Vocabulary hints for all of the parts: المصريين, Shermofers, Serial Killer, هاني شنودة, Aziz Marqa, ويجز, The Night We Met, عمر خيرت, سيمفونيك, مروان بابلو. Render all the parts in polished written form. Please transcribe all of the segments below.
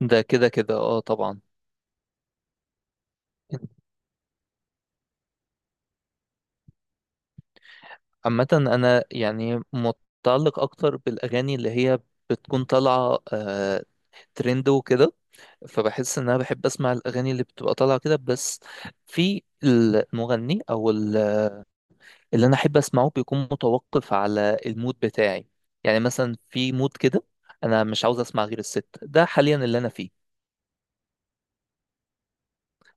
ده كده كده، اه طبعا. عامة انا يعني متعلق اكتر بالاغاني اللي هي بتكون طالعة ترند وكده. فبحس ان انا بحب اسمع الاغاني اللي بتبقى طالعه كده بس. في المغني او اللي انا احب اسمعه بيكون متوقف على المود بتاعي. يعني مثلا في مود كده انا مش عاوز اسمع غير الست ده حاليا اللي انا فيه.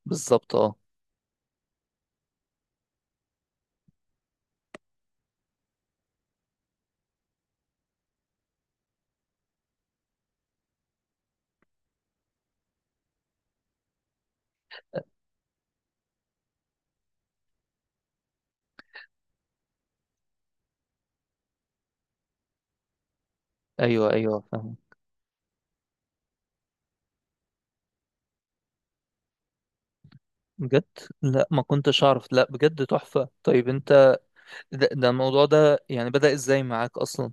بالظبط اه. ايوه ايوه فاهم بجد. لا ما كنتش اعرف، لا بجد تحفه. طيب انت ده الموضوع ده يعني بدأ ازاي معاك اصلا؟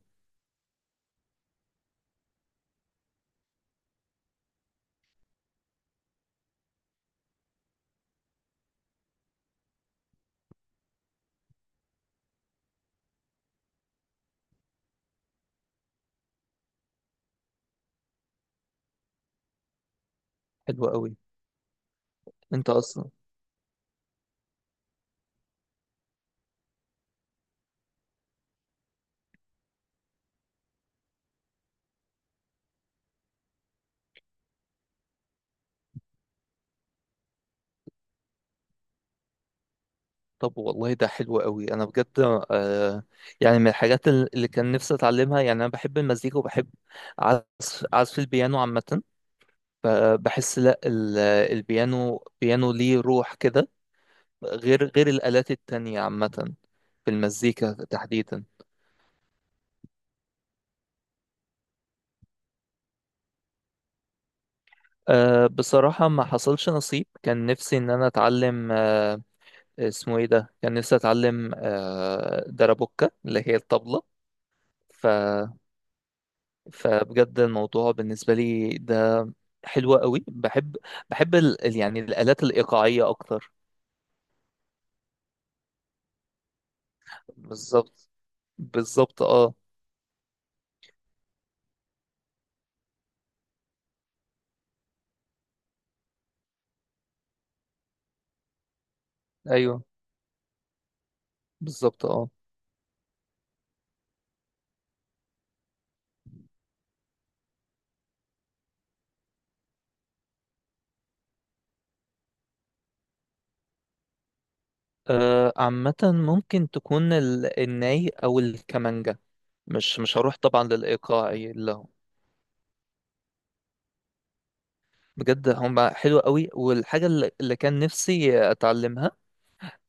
حلو قوي. انت اصلا. طب والله ده حلو قوي انا بجد. آه، يعني من الحاجات اللي كان نفسي اتعلمها. يعني انا بحب المزيكا وبحب عزف البيانو عامة. بحس، لا، البيانو، ليه روح كده، غير الآلات التانية عامة في المزيكا تحديدا. آه بصراحة ما حصلش نصيب. كان نفسي ان انا اتعلم، اسمه ايه ده، كان نفسي اتعلم دربوكة اللي هي الطبلة. ف... فبجد الموضوع بالنسبة لي ده حلو قوي. بحب يعني الآلات الإيقاعية أكتر. بالظبط، بالظبط اه. ايوه بالظبط اه. عامة ممكن تكون الناي أو الكمانجا. مش هروح طبعا للإيقاعي، لا. بجد هم حلو قوي. والحاجة اللي كان نفسي أتعلمها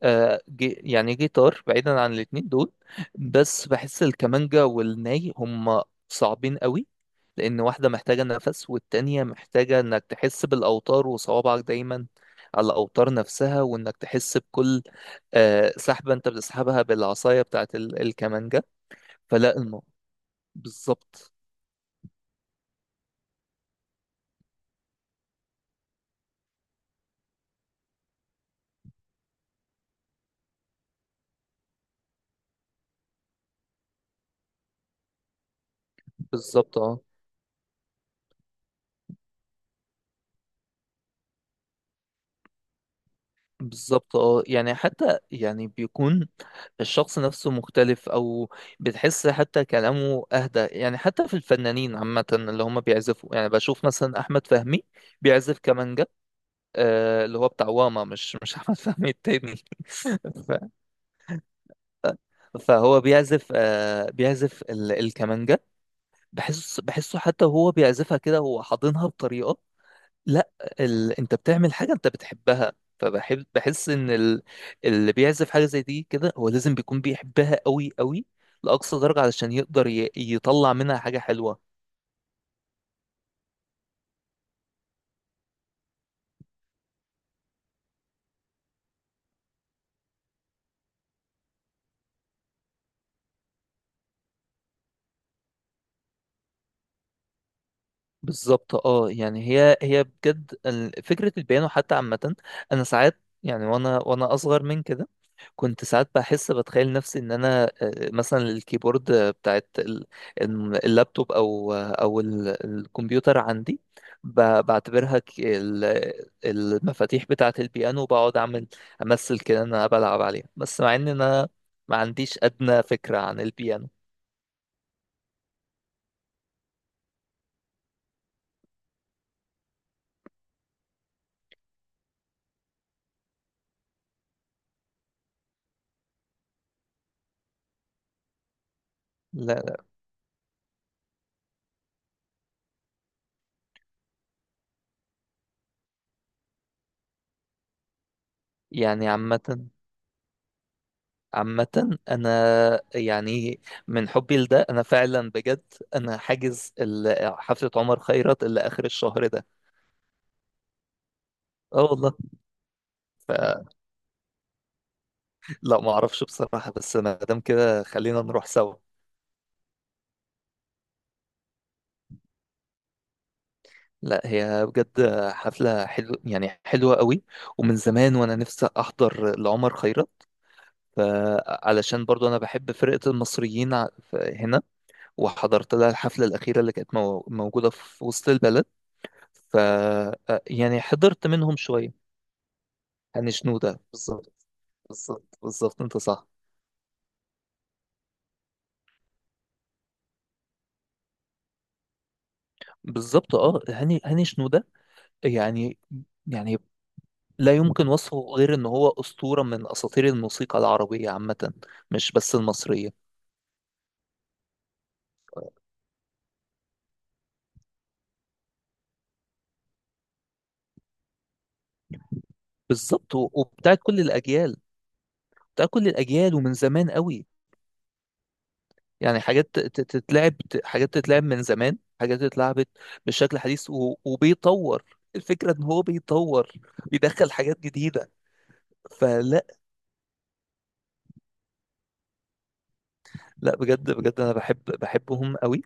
يعني جيتار، بعيدا عن الاتنين دول. بس بحس الكمانجا والناي هم صعبين قوي. لأن واحدة محتاجة نفس والتانية محتاجة إنك تحس بالأوتار وصوابعك دايما على الأوتار نفسها، وإنك تحس بكل سحبة أنت بتسحبها بالعصاية بتاعت الكمانجا. فلا. بالظبط، بالظبط اه. بالظبط اه، يعني حتى يعني بيكون الشخص نفسه مختلف، او بتحس حتى كلامه اهدى. يعني حتى في الفنانين عامة اللي هم بيعزفوا، يعني بشوف مثلا احمد فهمي بيعزف كمانجا، اللي هو بتاع، واما مش احمد فهمي التاني. ف- فهو بيعزف، بيعزف الكمانجا. بحسه، حتى هو بيعزفها كده، هو حاضنها بطريقة، لا، انت بتعمل حاجه انت بتحبها. بحس ان اللي بيعزف حاجه زي دي كده هو لازم بيكون بيحبها قوي قوي لاقصى درجه، علشان يقدر يطلع منها حاجه حلوه. بالظبط اه، يعني هي بجد فكرة البيانو حتى عامة، انا ساعات يعني وانا اصغر من كده كنت ساعات بحس بتخيل نفسي ان انا مثلا الكيبورد بتاعت اللابتوب او الكمبيوتر عندي، بعتبرها المفاتيح بتاعت البيانو، وبقعد امثل كده ان انا بلعب عليها، بس مع ان انا ما عنديش ادنى فكرة عن البيانو. لا يعني عامة، أنا يعني من حبي لده أنا فعلا بجد أنا حاجز حفلة عمر خيرت اللي آخر الشهر ده. أه والله. ف... لا ما أعرفش بصراحة، بس ما دام كده خلينا نروح سوا. لا هي بجد حفلة، يعني حلوة قوي، ومن زمان وأنا نفسي أحضر لعمر خيرت. ف- علشان برضو أنا بحب فرقة المصريين هنا، وحضرت لها الحفلة الأخيرة اللي كانت موجودة في وسط البلد. ف يعني حضرت منهم شوية. هاني شنودة بالظبط. بالظبط، بالظبط انت صح. بالظبط اه، هاني شنودة، يعني، يعني لا يمكن وصفه غير ان هو اسطورة من اساطير الموسيقى العربية عامة، مش بس المصرية. بالظبط، وبتاعت كل الاجيال، بتاعت كل الاجيال ومن زمان قوي. يعني حاجات ت- ت- تتلعب ت- حاجات تتلعب من زمان، حاجات اتلعبت بشكل حديث وبيطور. الفكرة ان هو بيطور، بيدخل حاجات جديدة. فلا، لا بجد بجد انا بحبهم قوي.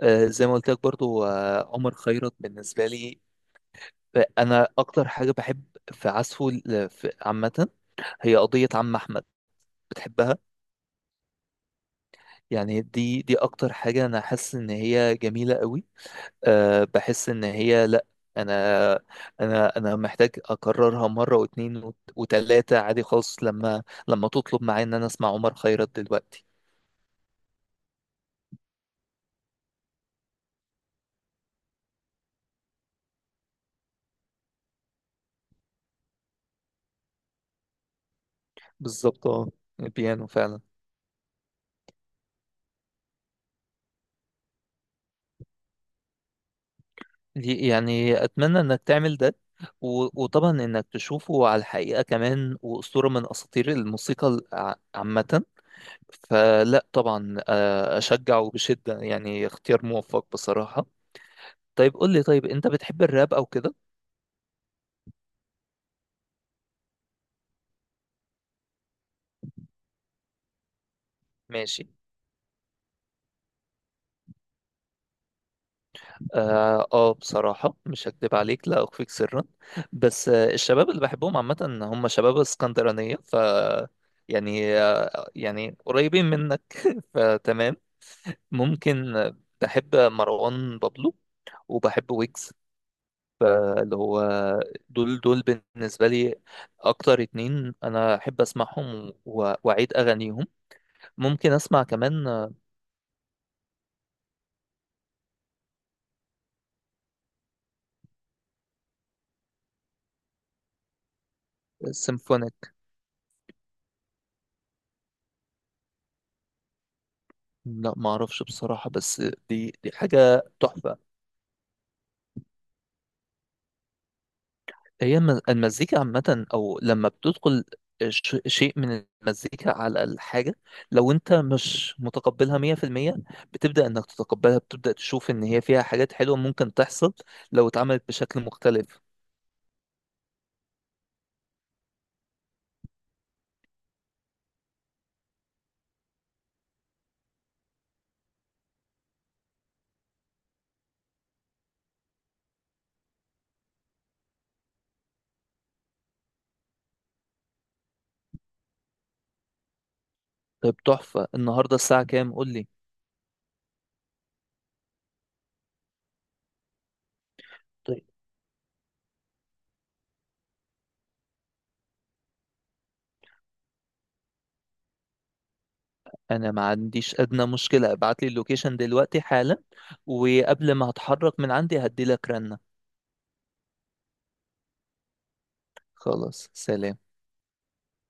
زي ما قلت لك برضو، عمر خيرت بالنسبة لي، أنا أكتر حاجة بحب في عزفه عامة هي قضية عم أحمد. بتحبها. يعني دي أكتر حاجة أنا حاسس إن هي جميلة قوي. أه بحس إن هي، لأ، أنا أنا أنا محتاج أكررها مرة واتنين وتلاتة عادي خالص، لما تطلب معايا إن أنا أسمع عمر خيرت دلوقتي. بالظبط اه، البيانو فعلا. يعني اتمنى انك تعمل ده، وطبعا انك تشوفه على الحقيقه كمان، واسطوره من اساطير الموسيقى عامه. فلا طبعا، اشجعه بشده، يعني اختيار موفق بصراحه. طيب قول لي، طيب انت بتحب الراب او كده؟ ماشي. اه، بصراحه مش هكدب عليك، لا اخفيك سرا، بس الشباب اللي بحبهم عامه هم شباب اسكندرانيه. يعني، يعني قريبين منك فتمام. ممكن، بحب مروان بابلو وبحب ويجز، فاللي هو دول بالنسبة لي أكتر اتنين أنا أحب أسمعهم وأعيد أغانيهم، ممكن أسمع كمان. سيمفونيك. لا معرفش بصراحة، بس دي حاجة تحفة. هي المزيكا عامة، أو لما بتدخل شيء من المزيكا على الحاجة، لو أنت مش متقبلها 100%، بتبدأ إنك تتقبلها، بتبدأ تشوف إن هي فيها حاجات حلوة ممكن تحصل لو اتعملت بشكل مختلف. طيب تحفة، النهاردة الساعة كام؟ قول لي. طيب أنا ما عنديش أدنى مشكلة، ابعت لي اللوكيشن دلوقتي حالا، وقبل ما هتحرك من عندي هدي لك رنة. خلاص، سلام.